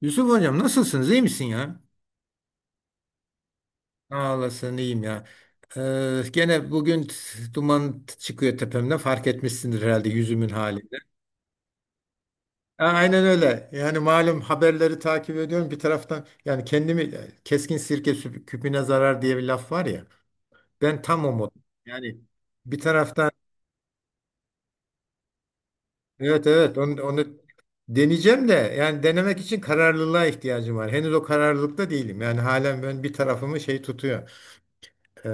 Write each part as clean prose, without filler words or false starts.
Yusuf hocam nasılsınız? İyi misin ya? Ağlasın iyiyim ya. Gene bugün duman çıkıyor tepemden fark etmişsindir herhalde yüzümün halinde. Aynen öyle. Yani malum haberleri takip ediyorum bir taraftan yani kendimi keskin sirke küpüne zarar diye bir laf var ya. Ben tam o mod. Yani bir taraftan evet evet onu deneyeceğim de yani denemek için kararlılığa ihtiyacım var. Henüz o kararlılıkta değilim. Yani halen ben bir tarafımı şey tutuyor. Ee,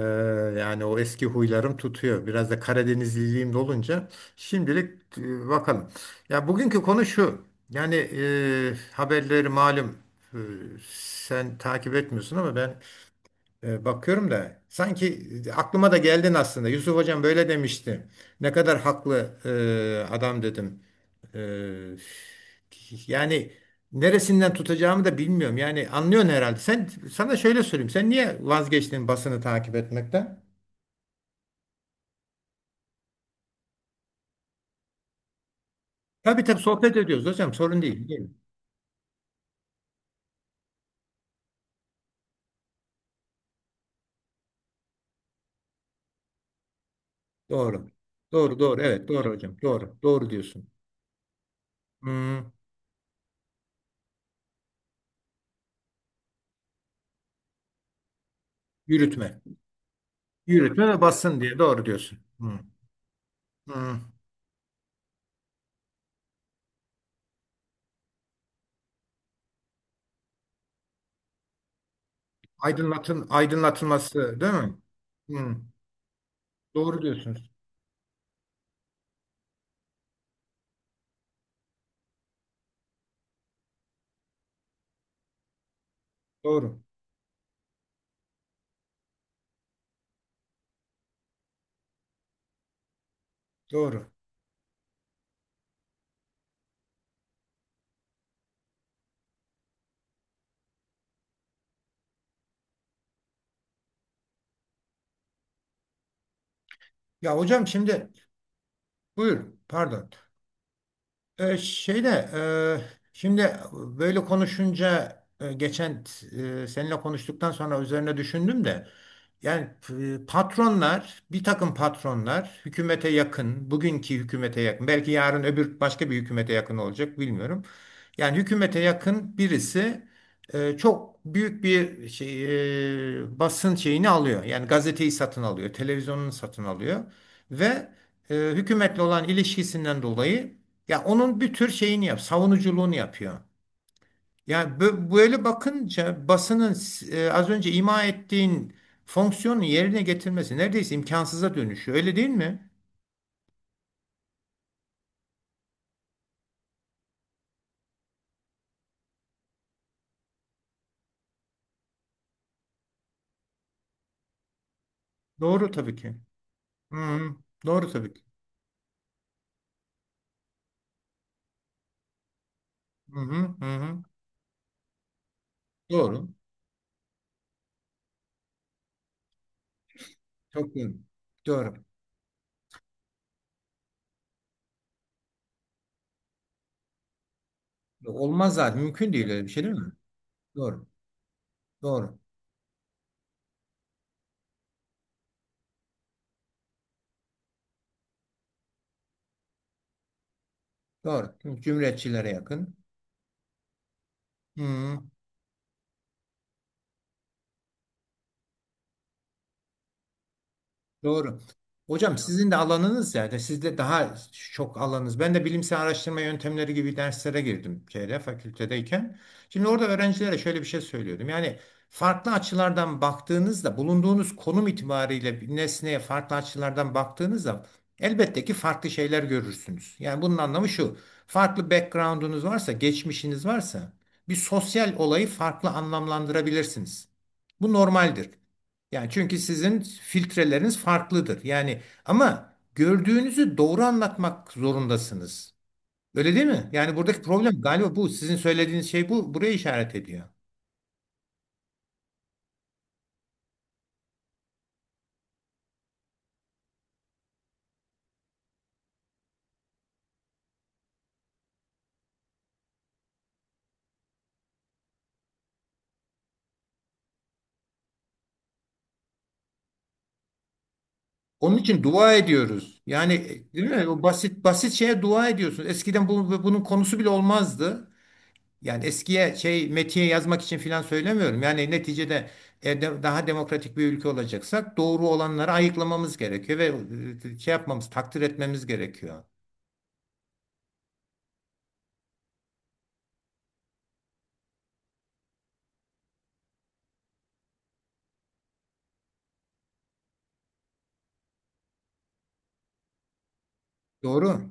yani o eski huylarım tutuyor. Biraz da Karadenizliliğim de olunca şimdilik bakalım. Ya bugünkü konu şu. Yani haberleri malum e, sen takip etmiyorsun ama ben bakıyorum da sanki aklıma da geldin aslında. Yusuf Hocam böyle demişti. Ne kadar haklı adam dedim. E, yani neresinden tutacağımı da bilmiyorum. Yani anlıyorsun herhalde. Sen sana şöyle söyleyeyim. Sen niye vazgeçtin basını takip etmekten? Tabii tabii sohbet ediyoruz hocam sorun değil, değil mi? Doğru. Doğru doğru evet doğru hocam doğru doğru diyorsun. Hmm, yürütme. Yürütme ve basın diye doğru diyorsun. Hmm, hmm. Aydınlatın, aydınlatılması değil mi? Hmm, doğru diyorsunuz. Doğru doğru. Ya hocam şimdi buyur pardon. Şeyde şimdi böyle konuşunca geçen seninle konuştuktan sonra üzerine düşündüm de yani patronlar bir takım patronlar hükümete yakın bugünkü hükümete yakın belki yarın öbür başka bir hükümete yakın olacak bilmiyorum. Yani hükümete yakın birisi çok büyük bir şey basın şeyini alıyor. Yani gazeteyi satın alıyor, televizyonunu satın alıyor ve hükümetle olan ilişkisinden dolayı ya onun bir tür şeyini savunuculuğunu yapıyor. Ya böyle bakınca basının az önce ima ettiğin fonksiyonu yerine getirmesi neredeyse imkansıza dönüşüyor. Öyle değil mi? Doğru tabii ki. Hı hı. Doğru tabii ki. Hı hı hı, hı. Doğru. Çok doğru. Doğru. Olmaz zaten. Mümkün değil öyle bir şey değil mi? Doğru. Doğru. Doğru. Cumhuriyetçilere yakın. Hı. Doğru. Hocam sizin de alanınız yani sizde daha çok alanınız. Ben de bilimsel araştırma yöntemleri gibi derslere girdim şeyde fakültedeyken. Şimdi orada öğrencilere şöyle bir şey söylüyordum. Yani farklı açılardan baktığınızda bulunduğunuz konum itibariyle bir nesneye farklı açılardan baktığınızda elbette ki farklı şeyler görürsünüz. Yani bunun anlamı şu. Farklı background'unuz varsa, geçmişiniz varsa bir sosyal olayı farklı anlamlandırabilirsiniz. Bu normaldir. Yani çünkü sizin filtreleriniz farklıdır. Yani ama gördüğünüzü doğru anlatmak zorundasınız. Öyle değil mi? Yani buradaki problem galiba bu. Sizin söylediğiniz şey bu. Buraya işaret ediyor. Onun için dua ediyoruz. Yani değil mi? O basit basit şeye dua ediyorsunuz. Eskiden bunun konusu bile olmazdı. Yani eskiye şey metiye yazmak için filan söylemiyorum. Yani neticede daha demokratik bir ülke olacaksak doğru olanları ayıklamamız gerekiyor ve şey yapmamız, takdir etmemiz gerekiyor. Doğru.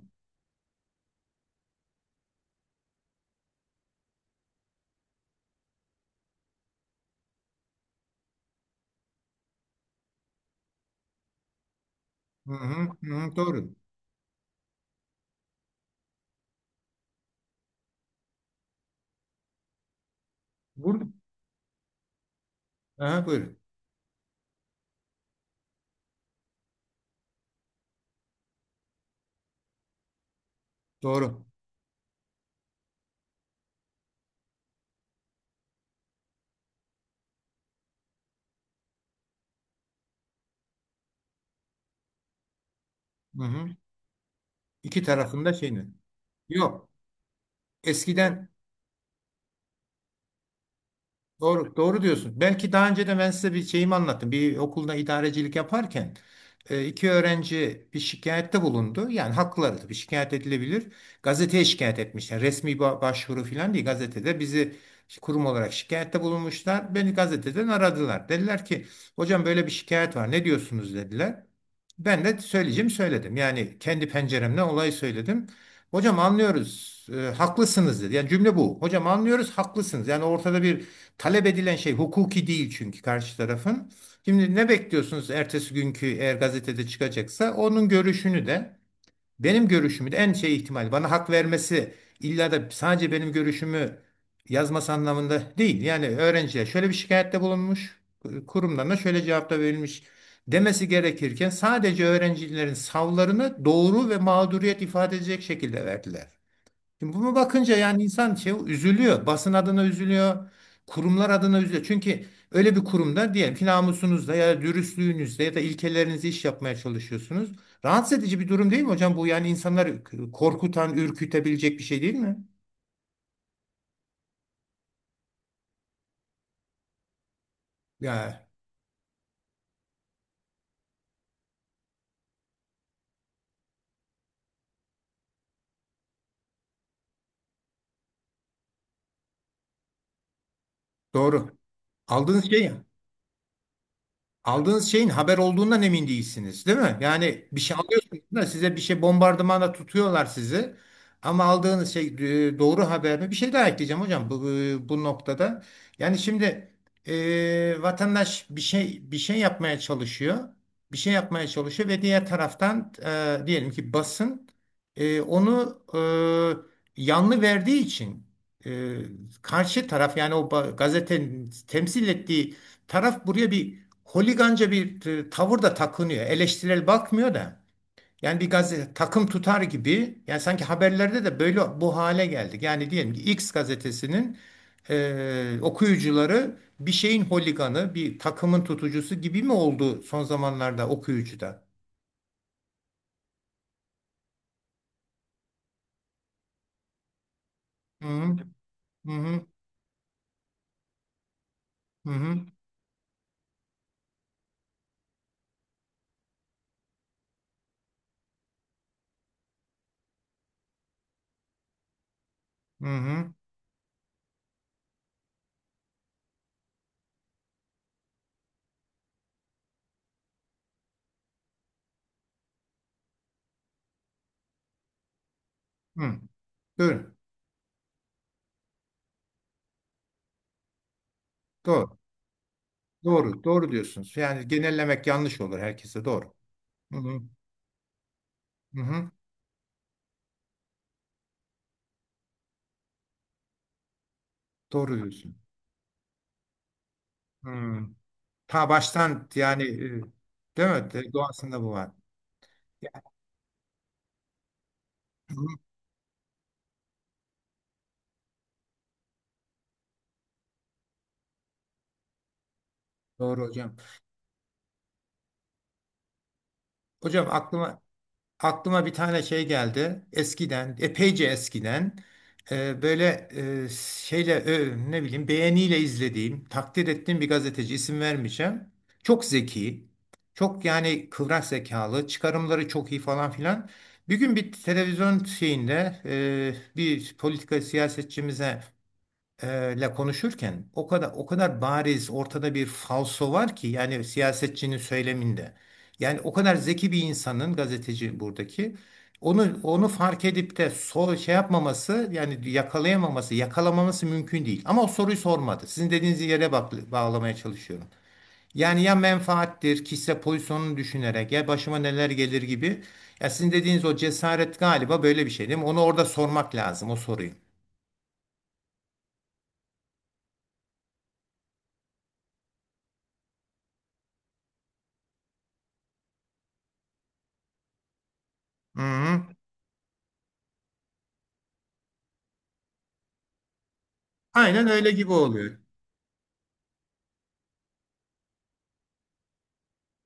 Hı hı, hı hı, doğru. Burada, aha, buyurun. Doğru. Hı hı. İki tarafında şey ne? Yok. Eskiden. Doğru, doğru diyorsun. Belki daha önce de ben size bir şeyimi anlattım. Bir okulda idarecilik yaparken iki öğrenci bir şikayette bulundu. Yani hakları bir şikayet edilebilir. Gazeteye şikayet etmişler. Resmi başvuru falan değil. Gazetede bizi kurum olarak şikayette bulunmuşlar. Beni gazeteden aradılar. Dediler ki hocam böyle bir şikayet var. Ne diyorsunuz dediler. Ben de söyleyeceğim söyledim. Yani kendi penceremden olayı söyledim. Hocam anlıyoruz. Haklısınız dedi. Yani cümle bu. Hocam anlıyoruz haklısınız. Yani ortada bir talep edilen şey hukuki değil çünkü karşı tarafın. Şimdi ne bekliyorsunuz ertesi günkü eğer gazetede çıkacaksa onun görüşünü de benim görüşümü de en şey ihtimal bana hak vermesi illa da sadece benim görüşümü yazması anlamında değil. Yani öğrenciye şöyle bir şikayette bulunmuş kurumlarına şöyle cevapta verilmiş demesi gerekirken sadece öğrencilerin savlarını doğru ve mağduriyet ifade edecek şekilde verdiler. Şimdi bunu bakınca yani insan şey üzülüyor. Basın adına üzülüyor. Kurumlar adına üzülüyor. Çünkü öyle bir kurumda diyelim ki namusunuzda ya da dürüstlüğünüzde ya da ilkelerinizle iş yapmaya çalışıyorsunuz. Rahatsız edici bir durum değil mi hocam? Bu yani insanları korkutan, ürkütebilecek bir şey değil mi? Ya doğru. Aldığınız şey ya. Aldığınız şeyin haber olduğundan emin değilsiniz, değil mi? Yani bir şey alıyorsunuz da size bir şey bombardımana tutuyorlar sizi. Ama aldığınız şey doğru haber mi? Bir şey daha ekleyeceğim hocam bu noktada. Yani şimdi vatandaş bir şey yapmaya çalışıyor. Bir şey yapmaya çalışıyor ve diğer taraftan diyelim ki basın onu yanlı verdiği için e, karşı taraf yani o gazetenin temsil ettiği taraf buraya bir holiganca bir tavır da takınıyor. Eleştirel bakmıyor da. Yani bir gazete takım tutar gibi. Yani sanki haberlerde de böyle bu hale geldik. Yani diyelim ki X gazetesinin okuyucuları bir şeyin holiganı, bir takımın tutucusu gibi mi oldu son zamanlarda okuyucuda? Hı hı hı hı hı hı hı, hı. Buyurun. Doğru. Doğru. Doğru diyorsunuz. Yani genellemek yanlış olur herkese. Doğru. Hı hı hı hı. Doğru diyorsun. Hı. Ta baştan yani değil mi? Doğasında bu var. Ya, hı, doğru hocam. Hocam aklıma bir tane şey geldi. Eskiden, epeyce eskiden böyle şeyle ne bileyim beğeniyle izlediğim, takdir ettiğim bir gazeteci isim vermeyeceğim. Çok zeki, çok yani kıvrak zekalı, çıkarımları çok iyi falan filan. Bir gün bir televizyon şeyinde bir politika siyasetçimize ile konuşurken o kadar o kadar bariz ortada bir falso var ki yani siyasetçinin söyleminde. Yani o kadar zeki bir insanın gazeteci buradaki onu fark edip de şey yapmaması yani yakalayamaması, yakalamaması mümkün değil. Ama o soruyu sormadı. Sizin dediğiniz yere bak, bağlamaya çalışıyorum. Yani ya menfaattir, kişisel pozisyonunu düşünerek ya başıma neler gelir gibi. Ya sizin dediğiniz o cesaret galiba böyle bir şey değil mi? Onu orada sormak lazım o soruyu. Hı hı. Aynen öyle gibi oluyor.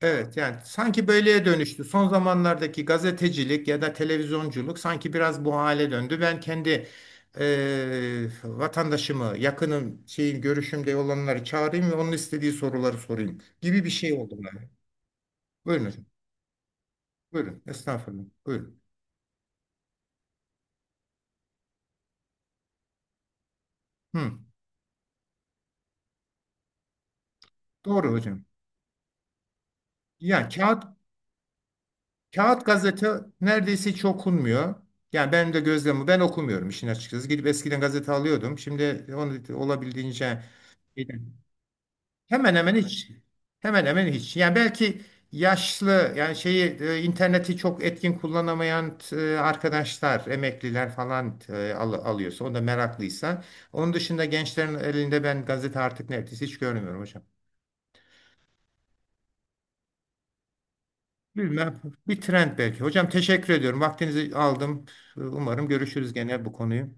Evet yani sanki böyleye dönüştü. Son zamanlardaki gazetecilik ya da televizyonculuk sanki biraz bu hale döndü. Ben kendi vatandaşımı, yakınım, şeyim, görüşümde olanları çağırayım ve onun istediği soruları sorayım gibi bir şey oldu. Yani. Buyurun hocam. Buyurun. Estağfurullah. Buyurun. Hı, doğru hocam. Ya kağıt gazete neredeyse hiç okunmuyor. Yani benim de gözlemim ben okumuyorum işin açıkçası. Gidip eskiden gazete alıyordum. Şimdi onu olabildiğince. Hemen hemen hiç. Hemen hemen hiç. Yani belki yaşlı yani şeyi interneti çok etkin kullanamayan arkadaşlar, emekliler falan alıyorsa, o da meraklıysa. Onun dışında gençlerin elinde ben gazete artık neredeyse hiç görmüyorum hocam. Bilmem. Bir trend belki. Hocam teşekkür ediyorum. Vaktinizi aldım. Umarım görüşürüz gene bu konuyu.